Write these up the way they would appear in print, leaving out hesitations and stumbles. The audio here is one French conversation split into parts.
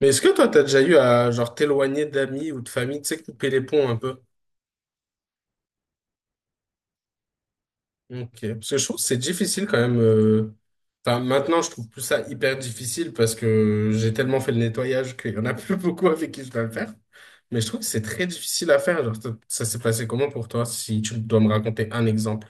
Mais est-ce que toi, t'as déjà eu à genre t'éloigner d'amis ou de famille, tu sais, couper les ponts un peu? Ok. Parce que je trouve que c'est difficile quand même. Enfin, maintenant, je trouve plus ça hyper difficile parce que j'ai tellement fait le nettoyage qu'il y en a plus beaucoup avec qui je dois le faire. Mais je trouve que c'est très difficile à faire. Genre, ça s'est passé comment pour toi, si tu dois me raconter un exemple?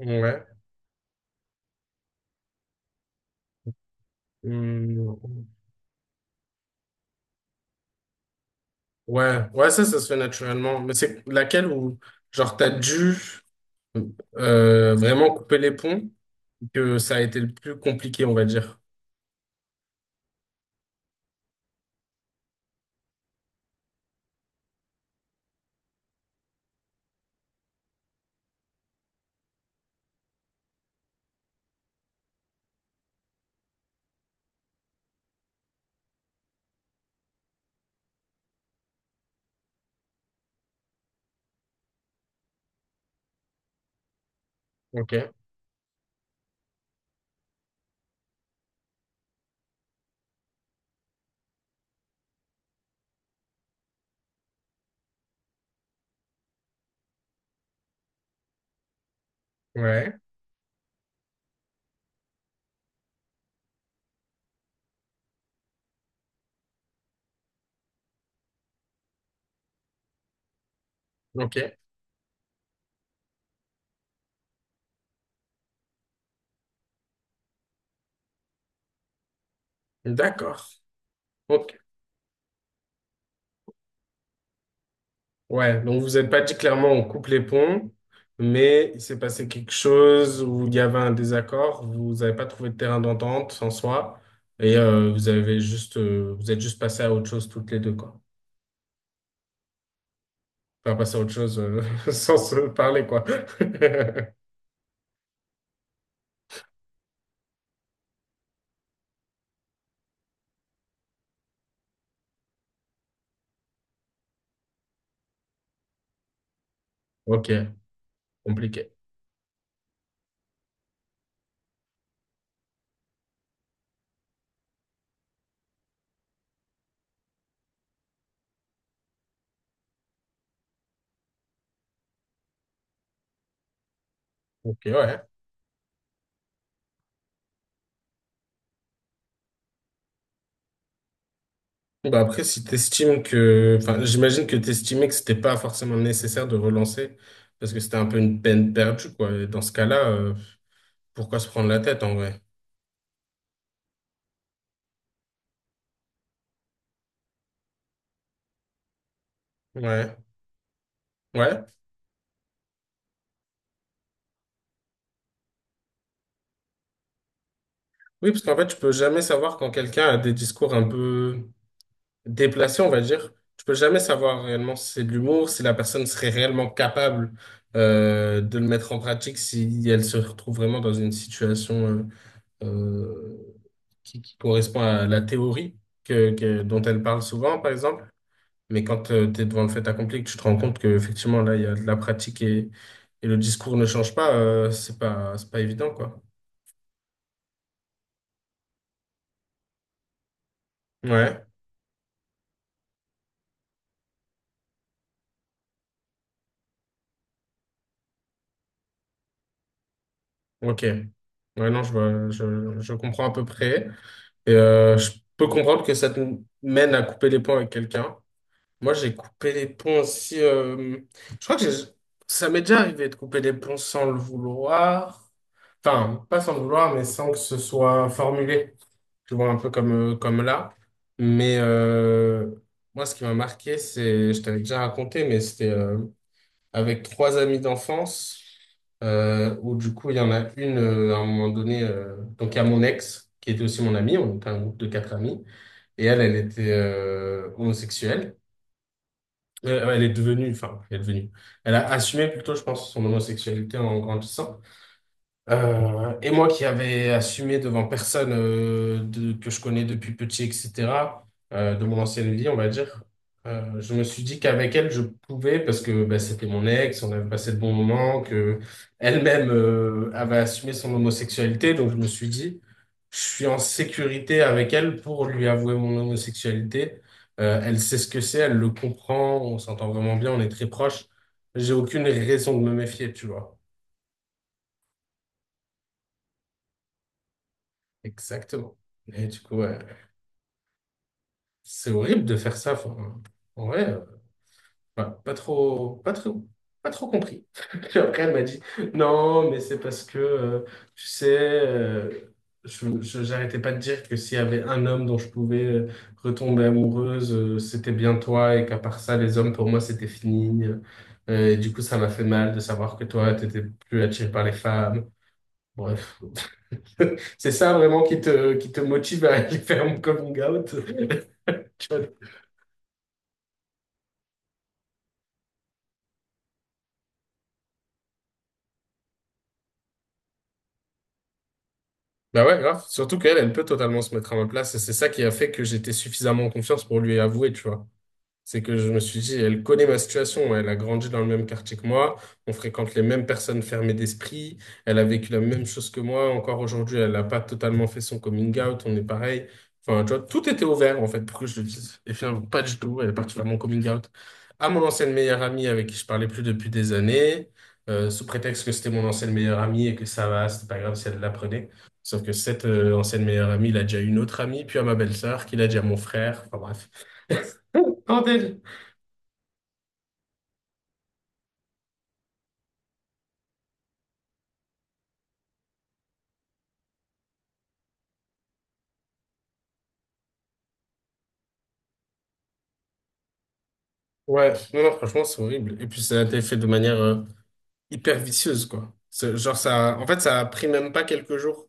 Ouais. Hum. Ouais, ouais, ça se fait naturellement. Mais c'est laquelle où, genre, t'as dû. Donc, vraiment couper les ponts, que ça a été le plus compliqué, on va dire. Ok. Ouais. Ok. D'accord. Ok. Ouais. Donc vous n'avez pas dit clairement on coupe les ponts, mais il s'est passé quelque chose où il y avait un désaccord, vous n'avez pas trouvé de terrain d'entente en soi, et vous avez juste, vous êtes juste passé à autre chose toutes les deux, quoi. Enfin, passé à autre chose sans se parler, quoi. Ok. Compliqué. Ok, ouais. Bah après, si t'estimes que, enfin, j'imagine que t'estimais que c'était pas forcément nécessaire de relancer parce que c'était un peu une peine perdue, quoi. Et dans ce cas-là, pourquoi se prendre la tête en vrai? Ouais. Ouais. Oui, parce qu'en fait, tu peux jamais savoir quand quelqu'un a des discours un peu déplacés, on va dire. Tu peux jamais savoir réellement si c'est de l'humour, si la personne serait réellement capable de le mettre en pratique, si elle se retrouve vraiment dans une situation euh, qui correspond à la théorie dont elle parle souvent, par exemple. Mais quand tu es devant le fait accompli, que tu te rends compte qu'effectivement, là, il y a de la pratique et le discours ne change pas, c'est pas évident, quoi. Ouais, ok. Ouais, non, je comprends à peu près. Et je peux comprendre que ça te mène à couper les ponts avec quelqu'un. Moi, j'ai coupé les ponts aussi. Je crois que ça m'est déjà arrivé de couper les ponts sans le vouloir. Enfin, pas sans le vouloir, mais sans que ce soit formulé. Tu vois, un peu comme, comme là. Mais moi, ce qui m'a marqué, c'est, je t'avais déjà raconté, mais c'était avec trois amis d'enfance, où du coup, il y en a une, à un moment donné, donc il y a mon ex, qui était aussi mon amie, on était un groupe de quatre amis, et elle, elle était homosexuelle. Ouais, elle est devenue, enfin, elle est devenue. Elle a assumé plutôt, je pense, son homosexualité en grandissant. Et moi qui avais assumé devant personne que je connais depuis petit, etc., de mon ancienne vie, on va dire, je me suis dit qu'avec elle, je pouvais, parce que bah, c'était mon ex, on avait passé de bons moments, que elle-même avait assumé son homosexualité, donc je me suis dit, je suis en sécurité avec elle pour lui avouer mon homosexualité. Elle sait ce que c'est, elle le comprend, on s'entend vraiment bien, on est très proches. J'ai aucune raison de me méfier, tu vois. Exactement. Et du coup, ouais, c'est horrible de faire ça. Enfin, en vrai, pas, pas trop, pas trop, pas trop compris. Puis après, elle m'a dit, non, mais c'est parce que, tu sais, j'arrêtais pas de dire que s'il y avait un homme dont je pouvais retomber amoureuse, c'était bien toi, et qu'à part ça, les hommes, pour moi, c'était fini. Et du coup, ça m'a fait mal de savoir que toi, t'étais plus attiré par les femmes. Bref. Bon. C'est ça vraiment qui te motive à aller faire mon coming out. Bah ouais, grave. Surtout qu'elle, elle peut totalement se mettre à ma place. Et c'est ça qui a fait que j'étais suffisamment en confiance pour lui avouer, tu vois. C'est que je me suis dit, elle connaît ma situation, elle a grandi dans le même quartier que moi, on fréquente les mêmes personnes fermées d'esprit, elle a vécu la même chose que moi, encore aujourd'hui, elle n'a pas totalement fait son coming out, on est pareil. Enfin, tu vois, tout était ouvert, en fait, pour que je le dise. Et finalement, pas du tout, elle est partie faire mon coming out à mon ancienne meilleure amie avec qui je parlais plus depuis des années, sous prétexte que c'était mon ancienne meilleure amie et que ça va, c'était pas grave si elle l'apprenait. Sauf que cette ancienne meilleure amie, il a déjà une autre amie, puis à ma belle-sœur, qui l'a dit à mon frère, enfin bref. Bordel. Ouais, non, non, franchement, c'est horrible. Et puis, ça a été fait de manière hyper vicieuse, quoi. Genre, ça, en fait, ça a pris même pas quelques jours.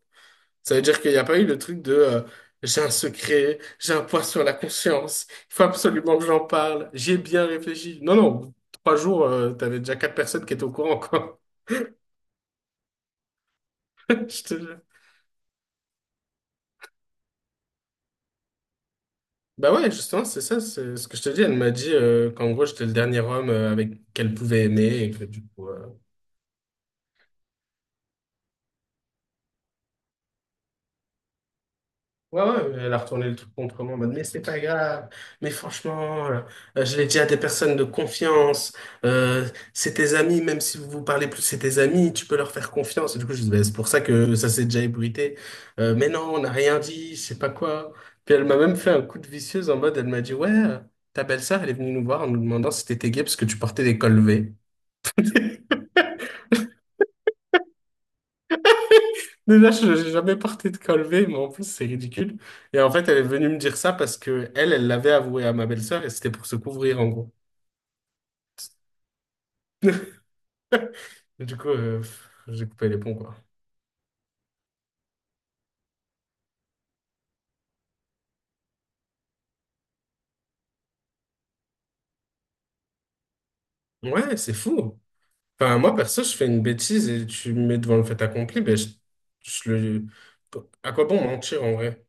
Ça veut dire qu'il n'y a pas eu le truc de j'ai un secret, j'ai un poids sur la conscience, il faut absolument que j'en parle, j'ai bien réfléchi. Non, non, 3 jours, t'avais déjà quatre personnes qui étaient au courant, quoi. Je te jure. Bah ouais, justement, c'est ça, c'est ce que je te dis. Elle m'a dit qu'en gros, j'étais le dernier homme avec qu'elle pouvait aimer et que du coup. Ouais, ouais, elle a retourné le truc contre moi en mode, mais c'est pas grave, mais franchement, je l'ai dit à des personnes de confiance, euh, c'est tes amis, même si vous vous parlez plus, c'est tes amis, tu peux leur faire confiance. Et du coup, je dis, bah, c'est pour ça que ça s'est déjà ébruité. Mais non, on n'a rien dit, je sais pas quoi. Puis elle m'a même fait un coup de vicieuse en mode, elle m'a dit, ouais, ta belle-sœur, elle est venue nous voir en nous demandant si t'étais gay parce que tu portais des cols V. Déjà, je j'ai jamais porté de col V, mais en plus, c'est ridicule. Et en fait, elle est venue me dire ça parce que elle, elle l'avait avoué à ma belle-sœur et c'était pour se couvrir, en gros. Et du coup, j'ai coupé les ponts, quoi. Ouais, c'est fou. Enfin, moi, perso, je fais une bêtise et tu me mets devant le fait accompli, ben, je le... À quoi bon mentir, en vrai?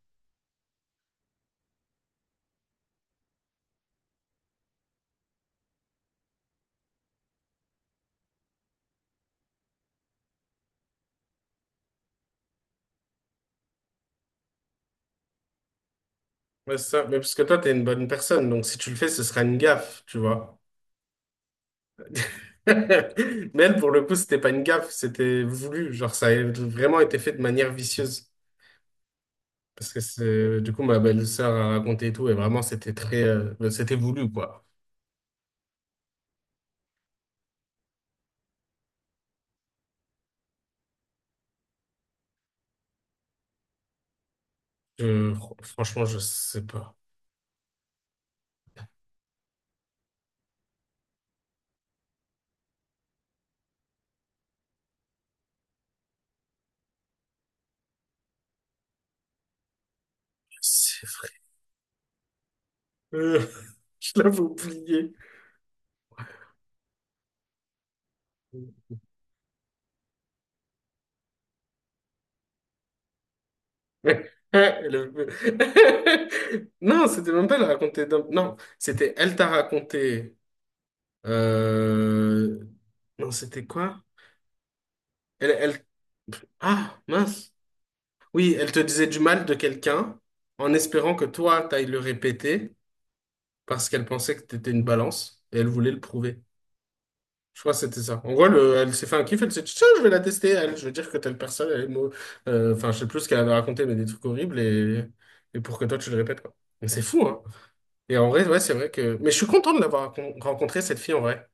Ouais, c'est ça. Mais parce que toi, t'es une bonne personne, donc si tu le fais, ce sera une gaffe, tu vois. Mais elle, pour le coup, c'était pas une gaffe, c'était voulu. Genre, ça a vraiment été fait de manière vicieuse. Parce que c'est, du coup, ma belle-sœur a raconté et tout, et vraiment, c'était très, bah, c'était voulu, quoi. Franchement, je sais pas. C'est- Euh, je l'avais oublié. Elle avait- Non, c'était même pas elle raconter. Non, c'était elle t'a raconté. euh, Non, c'était quoi? Elle, elle... Ah, mince. Oui, elle te disait du mal de quelqu'un en espérant que toi, t'ailles le répéter parce qu'elle pensait que t'étais une balance et elle voulait le prouver. Je crois que c'était ça. En gros, elle s'est fait un kiff, elle s'est dit, tiens, je vais la tester, elle. Je veux dire que telle personne, elle est enfin, je sais plus ce qu'elle a raconté, mais des trucs horribles et pour que toi, tu le répètes, quoi. Mais c'est fou, hein. Et en vrai, ouais, c'est vrai que. Mais je suis content de l'avoir rencontré, cette fille, en vrai.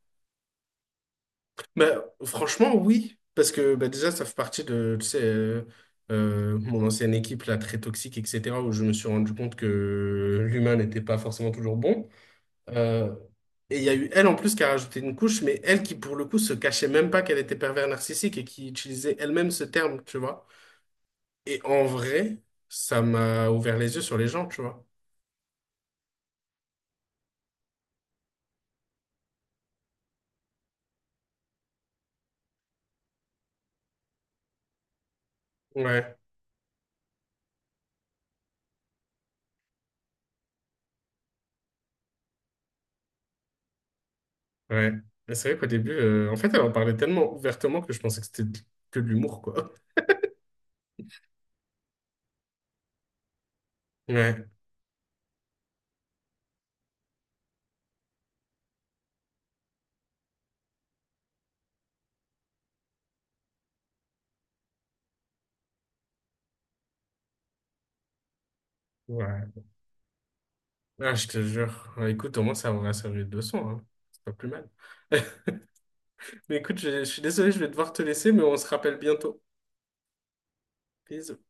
Bah, franchement, oui. Parce que bah, déjà, ça fait partie de, tu sais, mon ancienne équipe, là, très toxique, etc., où je me suis rendu compte que l'humain n'était pas forcément toujours bon. Euh, et il y a eu elle en plus qui a rajouté une couche, mais elle qui pour le coup se cachait même pas qu'elle était pervers narcissique et qui utilisait elle-même ce terme, tu vois. Et en vrai, ça m'a ouvert les yeux sur les gens, tu vois. Ouais, ouais. Mais c'est vrai qu'au début, en fait, elle en parlait tellement ouvertement que je pensais que c'était que de l'humour, quoi. Ouais, ouais. Ah, je te jure. Ouais, écoute, au moins ça m'aura servi de leçon, hein. C'est pas plus mal. Mais écoute, je suis désolé, je vais devoir te laisser, mais on se rappelle bientôt. Bisous.